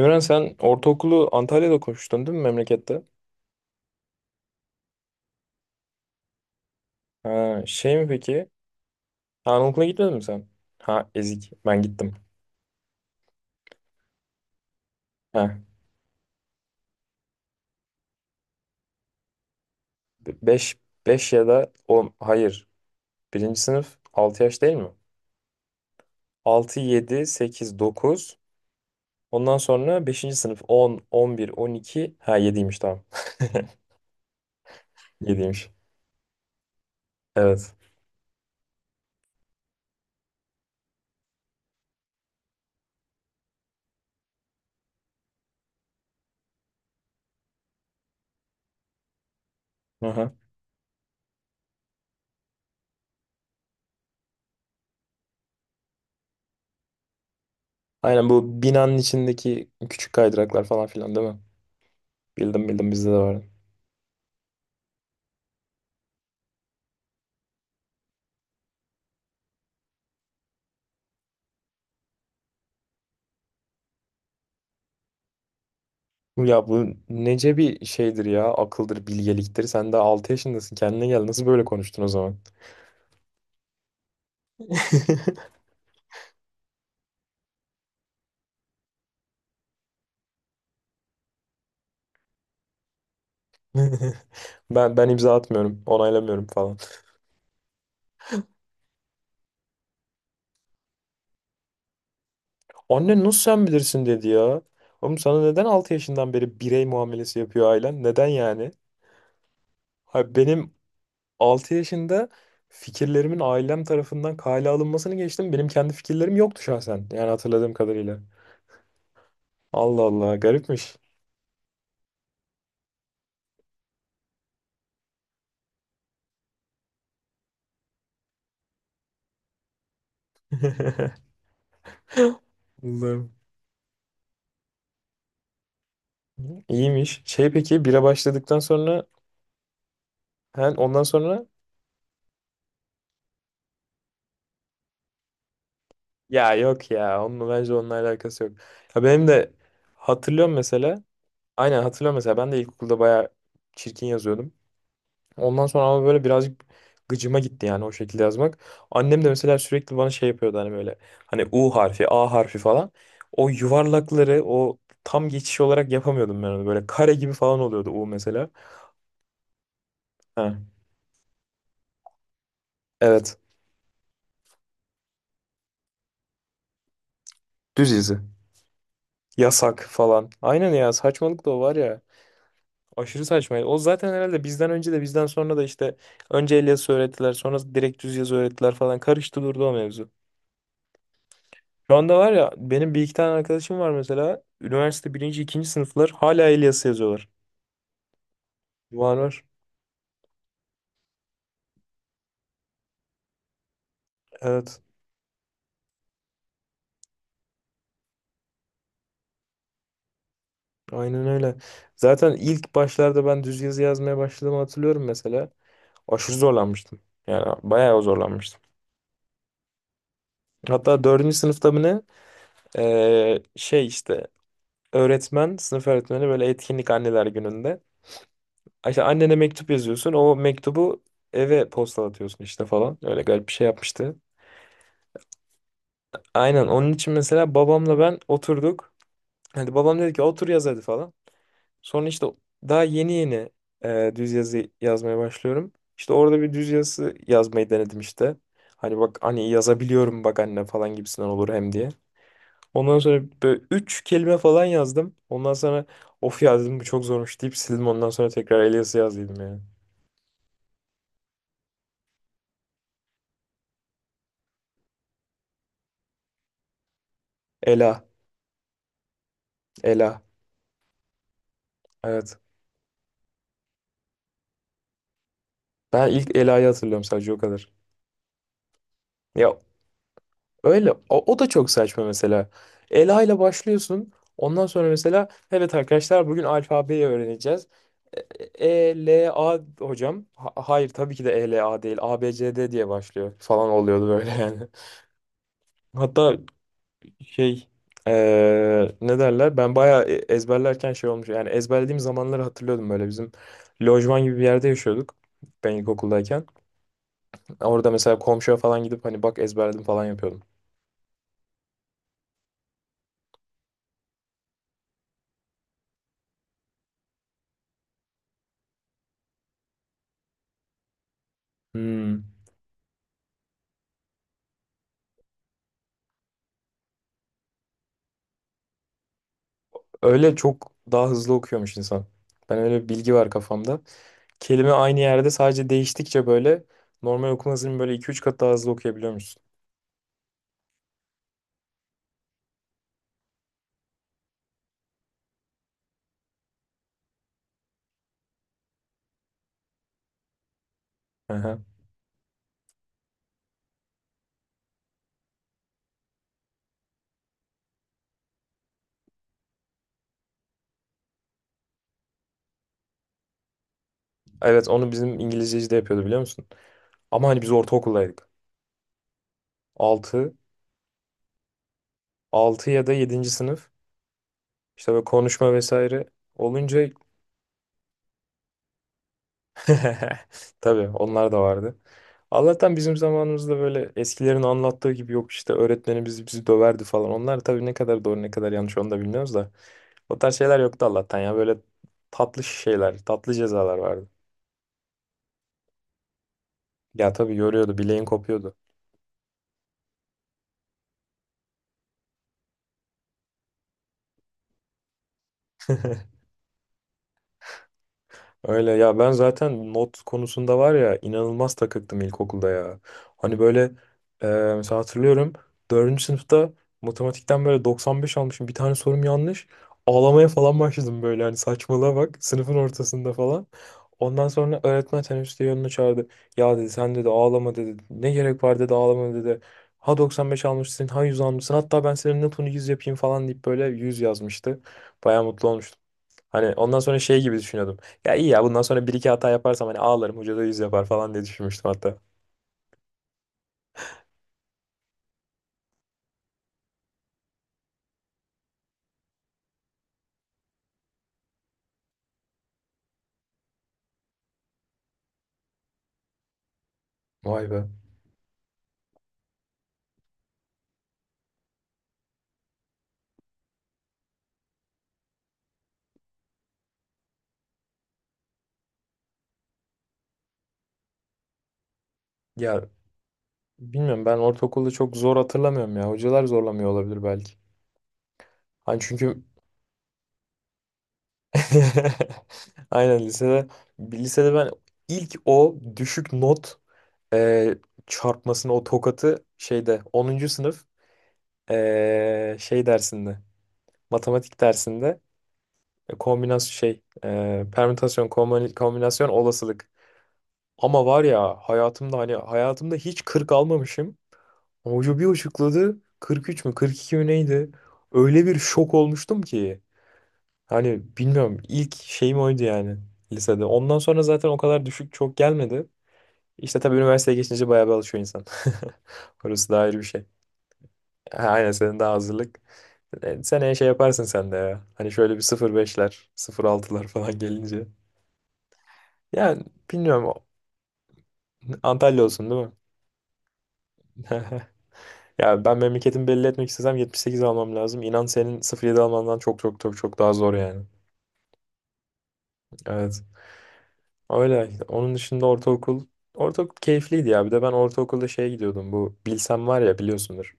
Emren sen ortaokulu Antalya'da okumuştun değil mi memlekette? Ha, şey mi peki? Ha, anaokula gitmedin mi sen? Ha ezik ben gittim. Ha 5 5 ya da 10 hayır. Birinci sınıf 6 yaş değil mi? 6 7 8 9 Ondan sonra beşinci sınıf on on bir on iki Ha yediymiş tamam. Yediymiş. Evet. Aha. Aynen bu binanın içindeki küçük kaydıraklar falan filan değil mi? Bildim bildim bizde de var. Ya bu nece bir şeydir ya akıldır bilgeliktir. Sen de 6 yaşındasın kendine gel nasıl böyle konuştun o zaman? Ben imza atmıyorum onaylamıyorum falan. Anne nasıl sen bilirsin dedi ya. Oğlum sana neden 6 yaşından beri birey muamelesi yapıyor ailen? Neden yani? Ha, benim 6 yaşında fikirlerimin ailem tarafından kale alınmasını geçtim. Benim kendi fikirlerim yoktu şahsen. Yani hatırladığım kadarıyla. Allah Allah garipmiş. Allah'ım. İyiymiş. Şey peki bira başladıktan sonra Ha, ondan sonra ya yok ya onunla bence onunla alakası yok. Ya benim de hatırlıyorum mesela. Aynen hatırlıyorum mesela ben de ilkokulda bayağı çirkin yazıyordum. Ondan sonra ama böyle birazcık gıcıma gitti yani o şekilde yazmak. Annem de mesela sürekli bana şey yapıyordu hani böyle hani U harfi, A harfi falan. O yuvarlakları o tam geçiş olarak yapamıyordum ben onu. Böyle kare gibi falan oluyordu U mesela. Ha, evet. Düz yazı. Yasak falan. Aynen ya saçmalık da o var ya. Aşırı saçmaydı. O zaten herhalde bizden önce de bizden sonra da işte önce el yazısı öğrettiler sonra direkt düz yazı öğrettiler falan karıştı durdu o mevzu. Şu anda var ya benim bir iki tane arkadaşım var mesela üniversite birinci ikinci sınıflar hala el yazısı yazıyorlar. Var var. Evet. Aynen öyle. Zaten ilk başlarda ben düz yazı yazmaya başladığımı hatırlıyorum mesela. Aşırı zorlanmıştım. Yani bayağı zorlanmıştım. Hatta dördüncü sınıfta mı ne? Şey işte öğretmen, sınıf öğretmeni böyle etkinlik anneler gününde. İşte annene mektup yazıyorsun. O mektubu eve postalatıyorsun işte falan. Öyle garip bir şey yapmıştı. Aynen onun için mesela babamla ben oturduk. Hadi babam dedi ki otur yaz hadi falan. Sonra işte daha yeni yeni düz yazı yazmaya başlıyorum. İşte orada bir düz yazı yazmayı denedim işte. Hani bak hani yazabiliyorum bak anne falan gibisinden olur hem diye. Ondan sonra böyle üç kelime falan yazdım. Ondan sonra of ya dedim bu çok zormuş deyip sildim. Ondan sonra tekrar Elias'ı yazdım yani. Ela, Ela. Evet. Ben ilk Ela'yı hatırlıyorum sadece o kadar. Ya öyle o da çok saçma mesela. Ela ile başlıyorsun. Ondan sonra mesela evet arkadaşlar bugün alfabeyi öğreneceğiz. E, E, L, A hocam. Hayır tabii ki de E, L, A değil. A, B, C, D diye başlıyor falan oluyordu böyle yani. Hatta şey ne derler? Ben bayağı ezberlerken şey olmuş. Yani ezberlediğim zamanları hatırlıyordum böyle. Bizim lojman gibi bir yerde yaşıyorduk. Ben ilkokuldayken. Orada mesela komşuya falan gidip hani bak ezberledim falan yapıyordum. Hmm. Öyle çok daha hızlı okuyormuş insan. Ben öyle bir bilgi var kafamda. Kelime aynı yerde sadece değiştikçe böyle normal okuma hızının böyle iki üç kat daha hızlı okuyabiliyormuşsun. Aha. Evet onu bizim İngilizceci de yapıyordu biliyor musun? Ama hani biz ortaokuldaydık. 6 6 ya da yedinci sınıf işte böyle konuşma vesaire olunca Tabii onlar da vardı. Allah'tan bizim zamanımızda böyle eskilerin anlattığı gibi yok işte öğretmenimiz bizi döverdi falan. Onlar tabii ne kadar doğru ne kadar yanlış onu da bilmiyoruz da. O tarz şeyler yoktu Allah'tan ya böyle tatlı şeyler, tatlı cezalar vardı. Ya tabii yoruyordu, bileğin kopuyordu. Öyle ya ben zaten not konusunda var ya inanılmaz takıktım ilkokulda ya. Hani böyle e, mesela hatırlıyorum dördüncü sınıfta matematikten böyle 95 almışım bir tane sorum yanlış. Ağlamaya falan başladım böyle hani saçmalığa bak sınıfın ortasında falan. Ondan sonra öğretmen teneffüste yanına çağırdı. Ya dedi sen dedi ağlama dedi. Ne gerek var dedi ağlama dedi. Ha 95 almışsın ha 100 almışsın hatta ben senin notunu 100 yapayım falan deyip böyle 100 yazmıştı. Baya mutlu olmuştum. Hani ondan sonra şey gibi düşünüyordum. Ya iyi ya bundan sonra bir iki hata yaparsam hani ağlarım hoca da yüz yapar falan diye düşünmüştüm hatta. Vay be. Ya bilmiyorum ben ortaokulda çok zor hatırlamıyorum ya. Hocalar zorlamıyor olabilir belki. Hani çünkü aynen lisede ben ilk o düşük not e, çarpmasını o tokatı şeyde onuncu sınıf şey dersinde matematik dersinde kombinasyon şey permütasyon kombinasyon olasılık. Ama var ya hayatımda hani hayatımda hiç 40 almamışım. Hoca bir açıkladı 43 mü 42 mi neydi? Öyle bir şok olmuştum ki. Hani bilmiyorum ilk şeyim oydu yani lisede. Ondan sonra zaten o kadar düşük çok gelmedi. İşte tabii üniversiteye geçince bayağı bir alışıyor insan. Orası da ayrı bir şey. Ha, aynen senin de hazırlık. Seneye şey yaparsın sen de ya. Hani şöyle bir sıfır beşler sıfır altılar falan gelince. Yani bilmiyorum. Antalya olsun değil mi? Ya ben memleketimi belli etmek istesem 78 almam lazım. İnan senin sıfır yedi almandan çok çok çok çok daha zor yani. Evet. Öyle. Onun dışında ortaokul. Ortaokul keyifliydi ya. Bir de ben ortaokulda şeye gidiyordum. Bu Bilsem var ya biliyorsundur.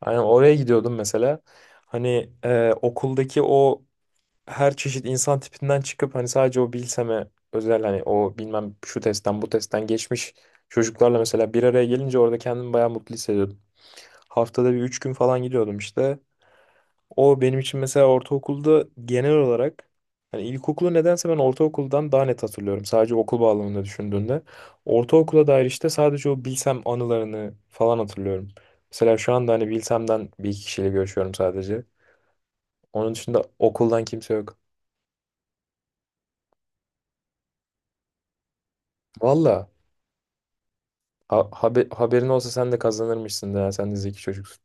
Aynen oraya gidiyordum mesela. Hani okuldaki o her çeşit insan tipinden çıkıp hani sadece o bilseme özel hani o bilmem şu testten bu testten geçmiş çocuklarla mesela bir araya gelince orada kendimi bayağı mutlu hissediyordum. Haftada bir üç gün falan gidiyordum işte. O benim için mesela ortaokulda genel olarak hani ilkokulu nedense ben ortaokuldan daha net hatırlıyorum. Sadece okul bağlamında düşündüğünde. Ortaokula dair işte sadece o bilsem anılarını falan hatırlıyorum. Mesela şu anda hani bilsemden bir iki kişiyle görüşüyorum sadece. Onun dışında okuldan kimse yok. Valla. Haberin olsa sen de kazanırmışsın da ya, sen de zeki çocuksun.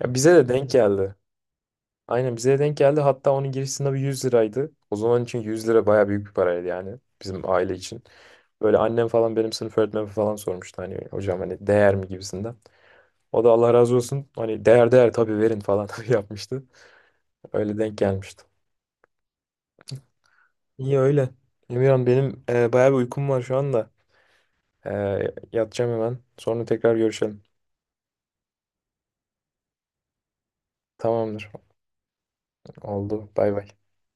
Ya bize de denk geldi. Aynen bize de denk geldi. Hatta onun giriş sınavı 100 liraydı. O zaman için 100 lira baya büyük bir paraydı yani bizim aile için. Böyle annem falan benim sınıf öğretmenim falan sormuştu hani hocam hani değer mi gibisinden. O da Allah razı olsun hani değer değer tabii verin falan yapmıştı. Öyle denk gelmişti. İyi öyle. Emirhan benim bayağı bir uykum var şu anda. E, yatacağım hemen. Sonra tekrar görüşelim. Tamamdır. Oldu. Bay bay.